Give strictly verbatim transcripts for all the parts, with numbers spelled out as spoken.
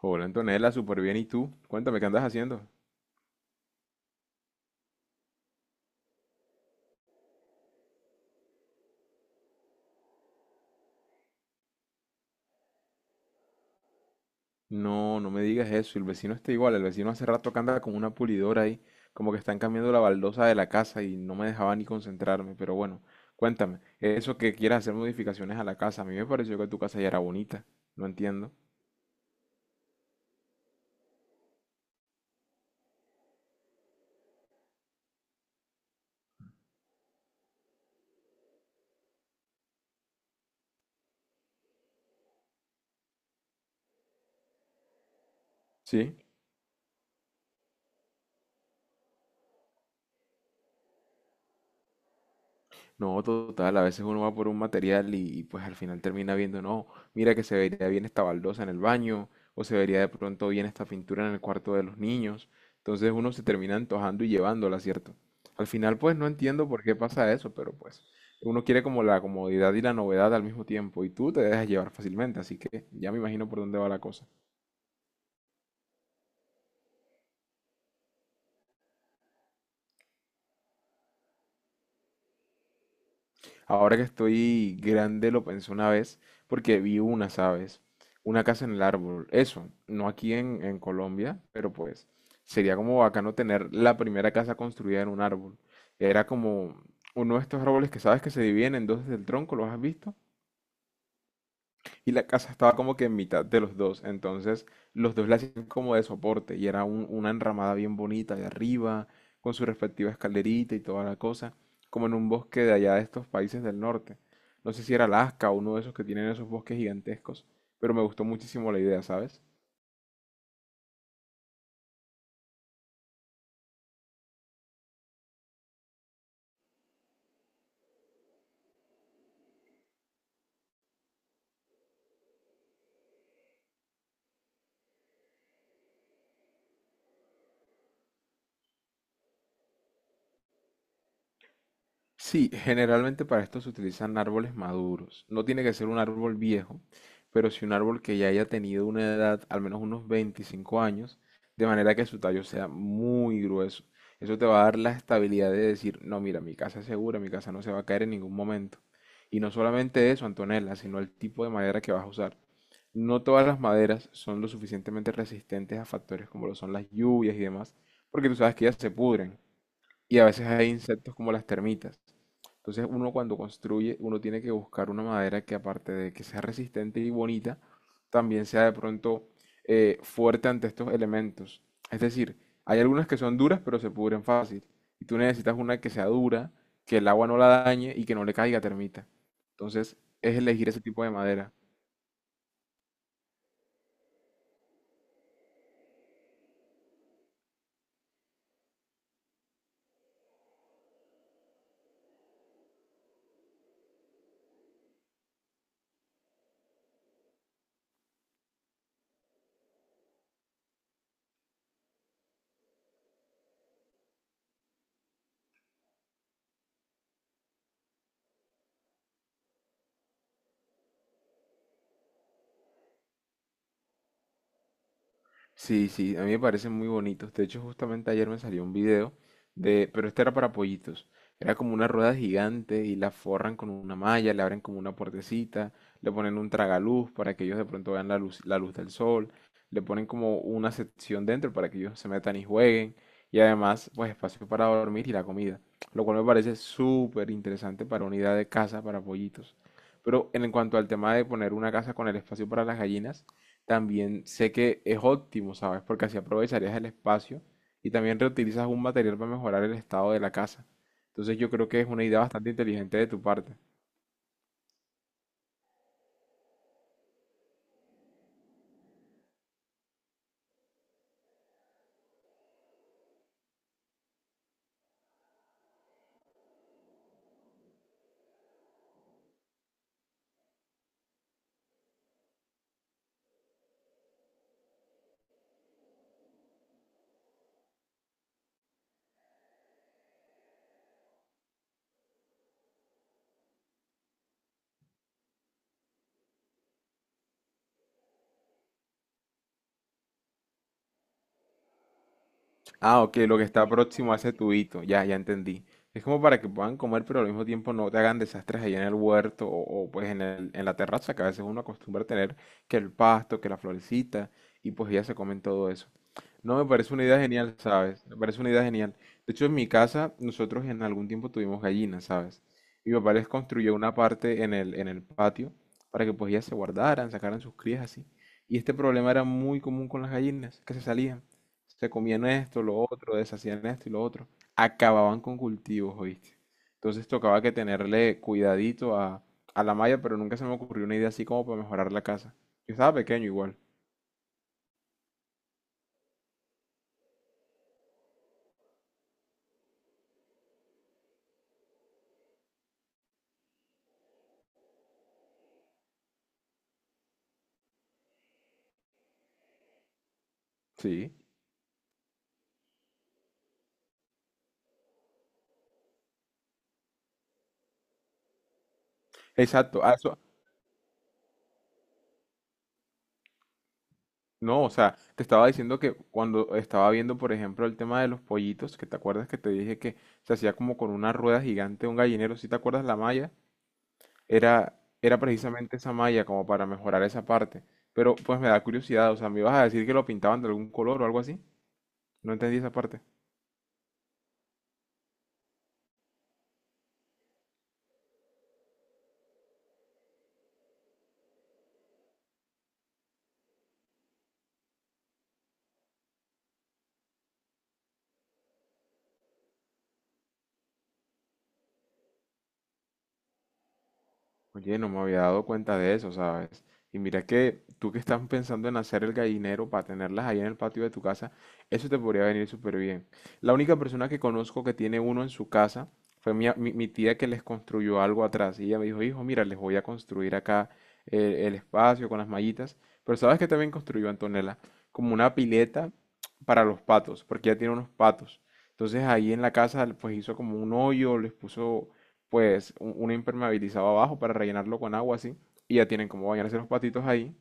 Hola Antonella, súper bien. ¿Y tú? Cuéntame, ¿qué andas haciendo? No, no me digas eso. El vecino está igual. El vecino hace rato que anda con una pulidora ahí, como que están cambiando la baldosa de la casa y no me dejaba ni concentrarme. Pero bueno, cuéntame, eso que quieras hacer modificaciones a la casa, a mí me pareció que tu casa ya era bonita. No entiendo. ¿Sí? No, total, a veces uno va por un material y, y, pues al final termina viendo, no, mira que se vería bien esta baldosa en el baño, o se vería de pronto bien esta pintura en el cuarto de los niños. Entonces uno se termina antojando y llevándola, ¿cierto? Al final pues no entiendo por qué pasa eso, pero pues uno quiere como la comodidad y la novedad al mismo tiempo y tú te dejas llevar fácilmente, así que ya me imagino por dónde va la cosa. Ahora que estoy grande lo pensé una vez porque vi una, ¿sabes? Una casa en el árbol. Eso, no aquí en, en Colombia, pero pues sería como bacano tener la primera casa construida en un árbol. Era como uno de estos árboles que sabes que se dividen en dos desde el tronco, ¿los has visto? Y la casa estaba como que en mitad de los dos, entonces los dos la hacían como de soporte y era un- una enramada bien bonita de arriba, con su respectiva escalerita y toda la cosa, como en un bosque de allá de estos países del norte. No sé si era Alaska o uno de esos que tienen esos bosques gigantescos, pero me gustó muchísimo la idea, ¿sabes? Sí, generalmente para esto se utilizan árboles maduros. No tiene que ser un árbol viejo, pero sí un árbol que ya haya tenido una edad, al menos unos veinticinco años, de manera que su tallo sea muy grueso. Eso te va a dar la estabilidad de decir, no, mira, mi casa es segura, mi casa no se va a caer en ningún momento. Y no solamente eso, Antonella, sino el tipo de madera que vas a usar. No todas las maderas son lo suficientemente resistentes a factores como lo son las lluvias y demás, porque tú sabes que ellas se pudren. Y a veces hay insectos como las termitas. Entonces uno cuando construye, uno tiene que buscar una madera que aparte de que sea resistente y bonita, también sea de pronto eh, fuerte ante estos elementos. Es decir, hay algunas que son duras pero se pudren fácil. Y tú necesitas una que sea dura, que el agua no la dañe y que no le caiga termita. Entonces es elegir ese tipo de madera. Sí, sí, a mí me parecen muy bonitos. De hecho, justamente ayer me salió un video de, pero este era para pollitos. Era como una rueda gigante y la forran con una malla, le abren como una puertecita, le ponen un tragaluz para que ellos de pronto vean la luz, la luz del sol, le ponen como una sección dentro para que ellos se metan y jueguen y además, pues espacio para dormir y la comida, lo cual me parece súper interesante para unidad de casa para pollitos. Pero en cuanto al tema de poner una casa con el espacio para las gallinas, también sé que es óptimo, ¿sabes? Porque así aprovecharías el espacio y también reutilizas un material para mejorar el estado de la casa. Entonces yo creo que es una idea bastante inteligente de tu parte. Ah, ok, lo que está próximo a ese tubito, ya, ya entendí. Es como para que puedan comer, pero al mismo tiempo no te hagan desastres ahí en el huerto o, o, pues en el- en la terraza, que a veces uno acostumbra a tener que el pasto, que la florecita, y pues ya se comen todo eso. No, me parece una idea genial, ¿sabes? Me parece una idea genial. De hecho, en mi casa, nosotros en algún tiempo tuvimos gallinas, ¿sabes? Mi papá les construyó una parte en el, en el patio para que pues ellas se guardaran, sacaran sus crías así. Y este problema era muy común con las gallinas, que se salían. Se comían esto, lo otro, deshacían esto y lo otro. Acababan con cultivos, ¿oíste? Entonces tocaba que tenerle cuidadito a, a la malla, pero nunca se me ocurrió una idea así como para mejorar la casa. Yo estaba pequeño igual. Sí, exacto. A eso- no, o sea, te estaba diciendo que cuando estaba viendo, por ejemplo, el tema de los pollitos, que te acuerdas que te dije que se hacía como con una rueda gigante, un gallinero, ¿si te acuerdas la malla? Era, era precisamente esa malla como para mejorar esa parte. Pero pues me da curiosidad, o sea, ¿me ibas a decir que lo pintaban de algún color o algo así? No entendí esa parte. Oye, no me había dado cuenta de eso, ¿sabes? Y mira que tú que estás pensando en hacer el gallinero para tenerlas ahí en el patio de tu casa, eso te podría venir súper bien. La única persona que conozco que tiene uno en su casa fue mi, a- mi- mi tía que les construyó algo atrás. Y ella me dijo, hijo, mira, les voy a construir acá eh, el espacio con las mallitas. Pero ¿sabes que también construyó Antonella? Como una pileta para los patos, porque ella tiene unos patos. Entonces ahí en la casa pues hizo como un hoyo, les puso pues un, un impermeabilizado abajo para rellenarlo con agua así, y ya tienen como bañarse los patitos ahí,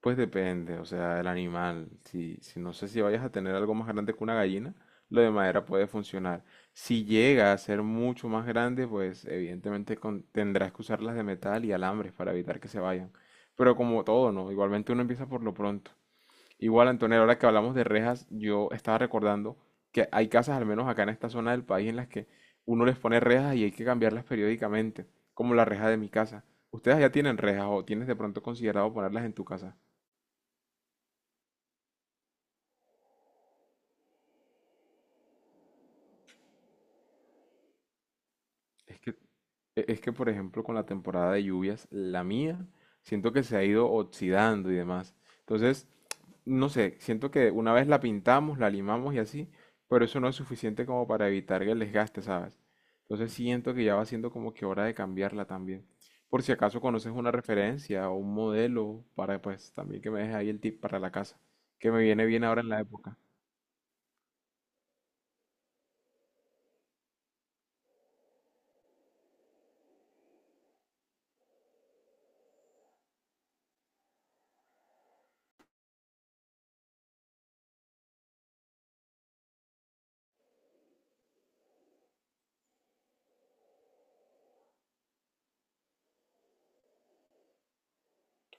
pues depende, o sea, del animal, si, si no sé si vayas a tener algo más grande que una gallina, lo de madera puede funcionar. Si llega a ser mucho más grande, pues evidentemente con- tendrás que usar las de metal y alambres para evitar que se vayan. Pero como todo, ¿no? Igualmente uno empieza por lo pronto. Igual, Antonella, ahora que hablamos de rejas, yo estaba recordando que hay casas, al menos acá en esta zona del país, en las que uno les pone rejas y hay que cambiarlas periódicamente, como la reja de mi casa. ¿Ustedes ya tienen rejas o tienes de pronto considerado ponerlas en tu casa? Es que E- Es que, por ejemplo, con la temporada de lluvias, la mía, siento que se ha ido oxidando y demás. Entonces, no sé, siento que una vez la pintamos, la limamos y así, pero eso no es suficiente como para evitar que el desgaste, ¿sabes? Entonces siento que ya va siendo como que hora de cambiarla también. Por si acaso conoces una referencia o un modelo para, pues, también que me dejes ahí el tip para la casa, que me viene bien ahora en la época.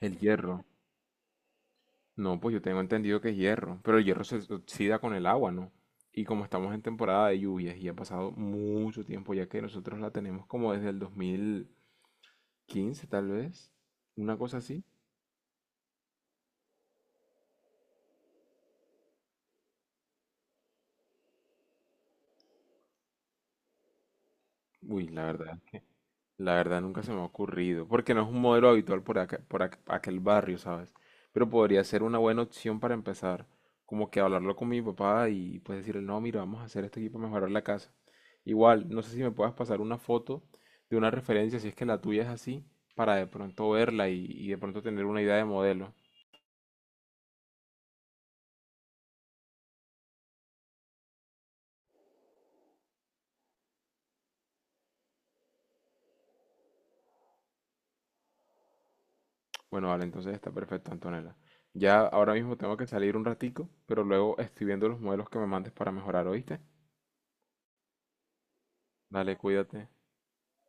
El hierro. No, pues yo tengo entendido que es hierro, pero el hierro se oxida con el agua, ¿no? Y como estamos en temporada de lluvias y ha pasado mucho tiempo, ya que nosotros la tenemos como desde el dos mil quince tal vez, una cosa así. Uy, la verdad. La verdad nunca se me ha ocurrido, porque no es un modelo habitual por acá- por ac- aquel barrio, ¿sabes? Pero podría ser una buena opción para empezar, como que hablarlo con mi papá y pues decirle, no, mira, vamos a hacer esto aquí para mejorar la casa. Igual, no sé si me puedas pasar una foto de una referencia, si es que la tuya es así, para de pronto verla y, y de pronto tener una idea de modelo. Bueno, vale, entonces está perfecto, Antonella. Ya ahora mismo tengo que salir un ratico, pero luego estoy viendo los modelos que me mandes para mejorar, ¿oíste? Dale, cuídate.